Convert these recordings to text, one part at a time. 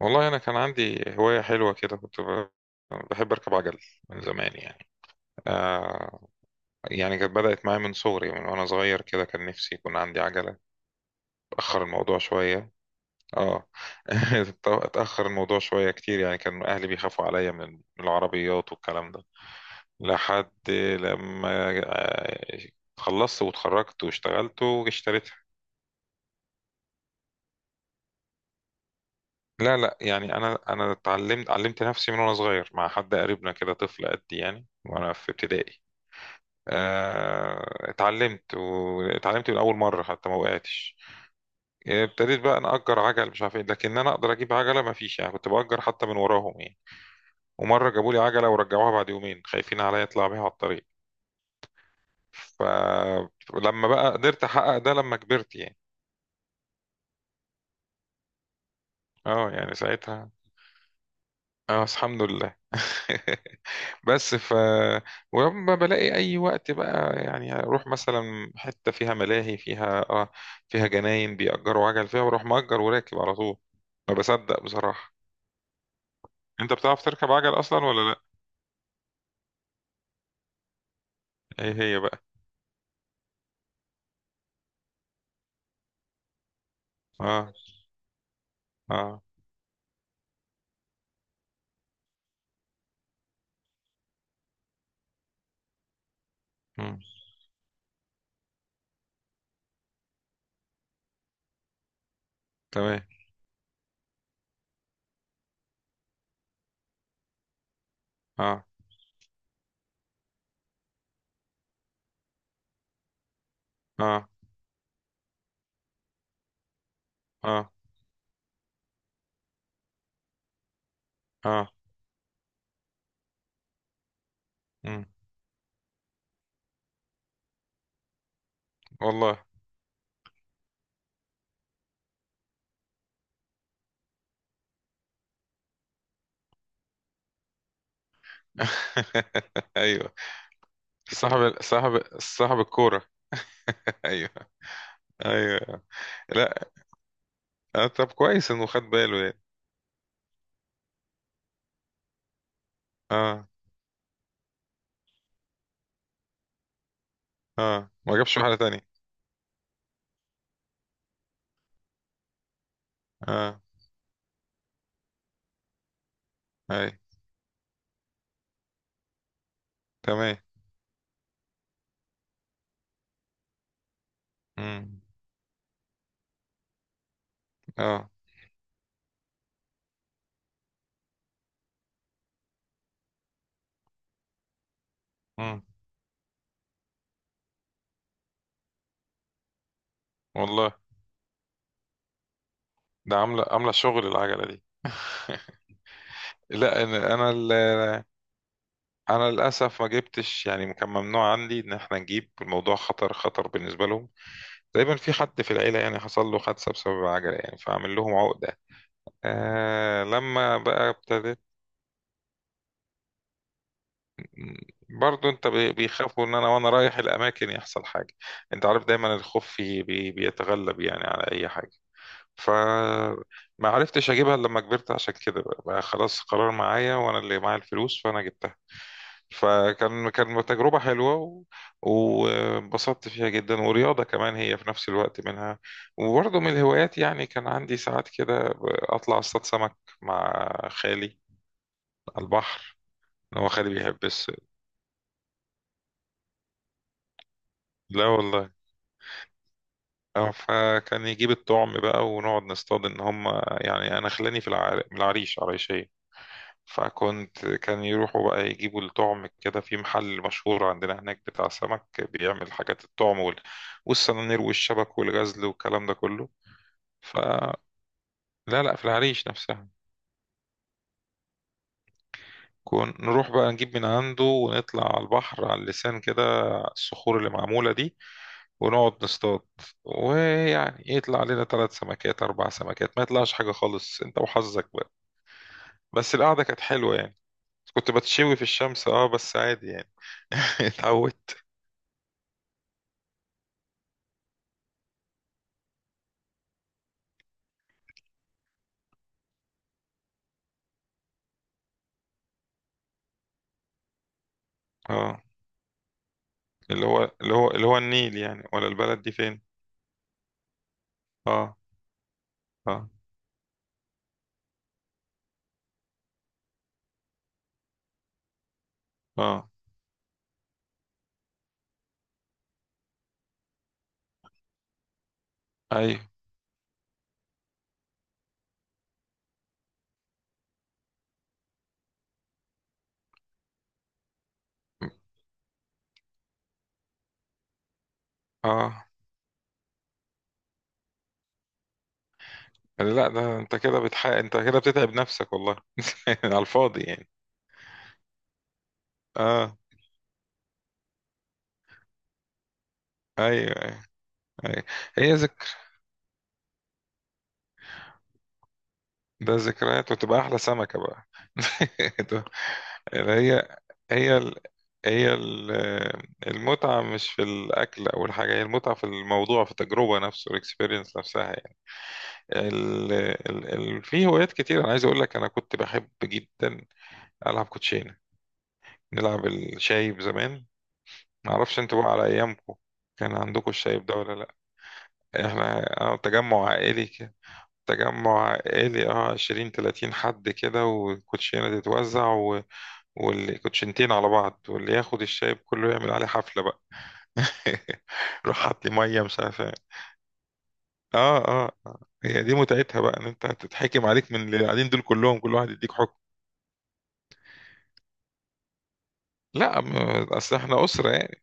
والله أنا كان عندي هواية حلوة كده كنت بحب أركب عجل من زمان آه يعني. كانت بدأت معايا من صغري من وأنا صغير كده كان نفسي يكون عندي عجلة. أتأخر الموضوع شوية. اه. اتأخر الموضوع شوية كتير يعني كان أهلي بيخافوا عليا من العربيات والكلام ده لحد لما خلصت واتخرجت واشتغلت واشتريتها. لا لا يعني انا علمت نفسي من وانا صغير مع حد قريبنا كده طفل قدي يعني وانا في ابتدائي. اتعلمت واتعلمت من اول مره حتى ما وقعتش. يعني ابتديت بقى نأجر عجل مش عارف ايه لكن انا اقدر اجيب عجله ما فيش، يعني كنت بأجر حتى من وراهم يعني. ومره جابوا لي عجله ورجعوها بعد يومين خايفين عليا اطلع بيها على الطريق. فلما بقى قدرت احقق ده لما كبرت يعني. اه يعني ساعتها. اه بس الحمد لله. بس ف ولما بلاقي اي وقت بقى يعني اروح مثلا حته فيها ملاهي فيها جناين بيأجروا عجل فيها واروح مأجر وراكب على طول. ما بصدق بصراحه. انت بتعرف تركب عجل اصلا ولا لا؟ ايه هي بقى. اه. اه. مم. تمام. اه. اه. اه. اه. مم. والله. ايوه. صاحب الكوره. ايوه. ايوه. لا. آه، طب كويس انه خد باله يعني. اه. اه ما جابش واحده تانية. اه. اي. تمام. امم. اه. امم. والله. ده عامله شغل العجله دي. لا انا للاسف ما جبتش، يعني كان ممنوع عندي ان احنا نجيب، الموضوع خطر بالنسبه لهم. دايما في حد في العيله يعني حصل له حادثه بسبب العجله يعني فعامل لهم عقده. آه لما بقى ابتديت. برضو انت بيخافوا ان انا وانا رايح الاماكن يحصل حاجه. انت عارف دايما الخوف في- بي بيتغلب يعني على اي حاجه. فما عرفتش اجيبها الا لما كبرت عشان كده بقى خلاص قرار معايا وانا اللي معايا الفلوس فانا جبتها. كان تجربة حلوة وانبسطت فيها جدا ورياضة كمان هي في نفس الوقت منها. وبرضه من الهوايات، يعني كان عندي ساعات كده أطلع أصطاد سمك مع خالي على البحر. هو خالي بيحب لا والله. اه فكان يجيب الطعم بقى ونقعد نصطاد ان هم. يعني انا خلاني من العريش عريشية. فكنت كان يروحوا بقى يجيبوا الطعم كده في محل مشهور عندنا هناك بتاع سمك بيعمل حاجات، الطعم والسنانير والشبك والغزل والكلام ده كله. فلا لا لا، في العريش نفسها. كون نروح بقى نجيب من عنده ونطلع على البحر، على اللسان كده، الصخور اللي معمولة دي، ونقعد نصطاد. ويعني يطلع لنا 3 سمكات 4 سمكات، ما يطلعش حاجة خالص، أنت وحظك بقى. بس القعدة كانت حلوة يعني. كنت بتشوي في الشمس اه بس عادي يعني. اتعودت. اه. اللي هو النيل، يعني ولا البلد دي فين؟ اه. اه. اه. ايوه. اه. لا ده انت كده بتتعب نفسك والله. على الفاضي يعني. اه. ايوه. ايوه. ايوه. هي ذكر، ده ذكريات وتبقى احلى سمكة بقى. ده- اللي هي، هي ال... هي ال- المتعة مش في الأكل أو الحاجة، هي المتعة في الموضوع، في التجربة نفسه، الإكسبيرينس نفسها يعني. ال... ال... في هوايات كتير أنا عايز أقول لك. أنا كنت بحب جدا ألعب كوتشينة. نلعب الشايب زمان. معرفش انتوا بقى على أيامكم كان عندكم الشايب ده ولا لأ؟ احنا اه تجمع عائلي كده. تجمع عائلي اه، 20 30 حد كده والكوتشينة تتوزع والكوتشينتين على بعض واللي ياخد الشايب كله يعمل عليه حفلة بقى. روح حط لي مية مش عارف ايه. اه اه آه. هي دي متعتها بقى، ان انت هتتحكم عليك من اللي قاعدين دول كلهم، كل واحد يديك حكم. لا اصل احنا أسرة يعني.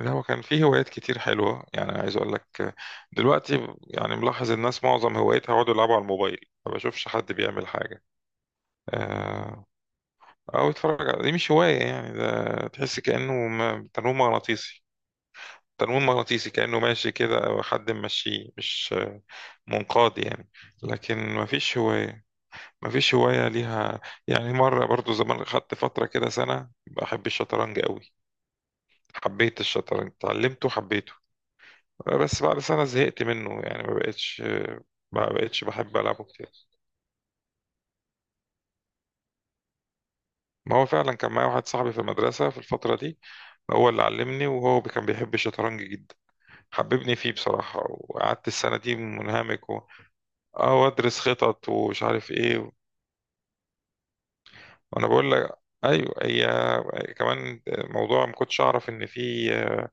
لا هو كان فيه هوايات كتير حلوة يعني، عايز أقول لك. دلوقتي يعني ملاحظ الناس معظم هوايتها يقعدوا يلعبوا على الموبايل، ما بشوفش حد بيعمل حاجة. آه، أو يتفرج على دي، مش هواية يعني، ده تحس كأنه تنويم مغناطيسي. تنويم مغناطيسي كأنه ماشي كده أو حد ممشيه، مش منقاد يعني. لكن ما فيش هواية. ما فيش هواية ليها. يعني مرة برضو زمان خدت فترة كده سنة بحب الشطرنج قوي. حبيت الشطرنج اتعلمته حبيته. بس بعد سنة زهقت منه يعني ما بقتش. ما بقتش بحب ألعبه كتير. ما هو فعلا كان معايا واحد صاحبي في المدرسة في الفترة دي، هو اللي علمني وهو كان بيحب الشطرنج جدا، حببني فيه بصراحة وقعدت السنة دي منهمك اه وأدرس خطط ومش عارف ايه. وأنا بقول لك أيوة، هي كمان موضوع ما كنتش أعرف إن في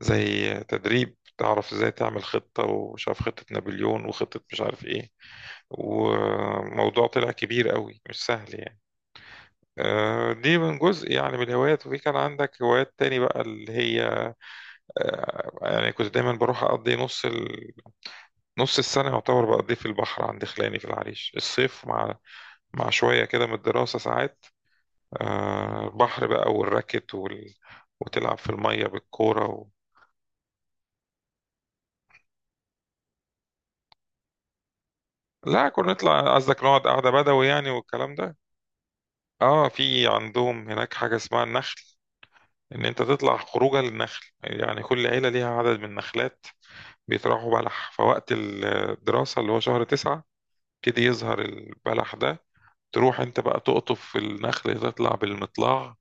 زي تدريب تعرف ازاي تعمل خطة، ومش عارف خطة نابليون وخطة مش عارف ايه، وموضوع طلع كبير قوي مش سهل يعني. دي من جزء يعني من الهوايات. وفي كان عندك هوايات تاني بقى اللي هي يعني كنت دايما بروح أقضي نص السنة يعتبر بقضيه في البحر عند خلاني في العريش الصيف، مع مع شوية كده من الدراسة ساعات. البحر بقى والراكت وتلعب في المية بالكورة لا كنا نطلع، قصدك نقعد قعدة بدوي يعني والكلام ده. اه في عندهم هناك حاجة اسمها النخل. ان انت تطلع خروجه للنخل، يعني كل عيلة ليها عدد من النخلات. بيطرحوا بلح فوقت الدراسة اللي هو شهر 9 يبتدي يظهر البلح ده. تروح انت بقى تقطف في النخل، تطلع بالمطلع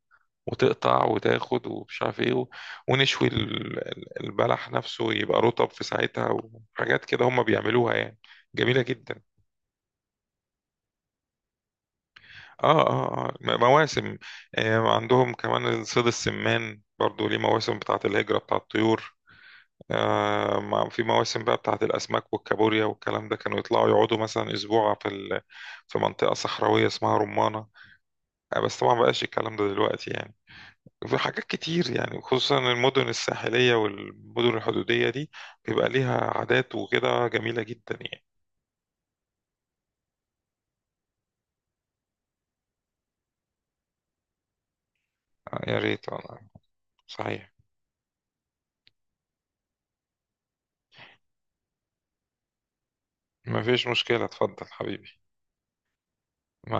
وتقطع وتاخد ومش عارف ايه ونشوي البلح نفسه يبقى رطب في ساعتها. وحاجات كده هم بيعملوها يعني جميلة جدا. اه اه اه مواسم. آه عندهم كمان صيد السمان برضو ليه مواسم بتاعة الهجرة بتاع الطيور. في مواسم بقى بتاعت الأسماك والكابوريا والكلام ده، كانوا يطلعوا يقعدوا مثلا أسبوع في منطقة صحراوية اسمها رمانة. بس طبعا مبقاش الكلام ده دلوقتي يعني. في حاجات كتير يعني، خصوصا المدن الساحلية والمدن الحدودية دي بيبقى ليها عادات وكده جميلة جدا يعني. آه، يا ريت والله. صحيح. ما فيش مشكلة، اتفضل حبيبي.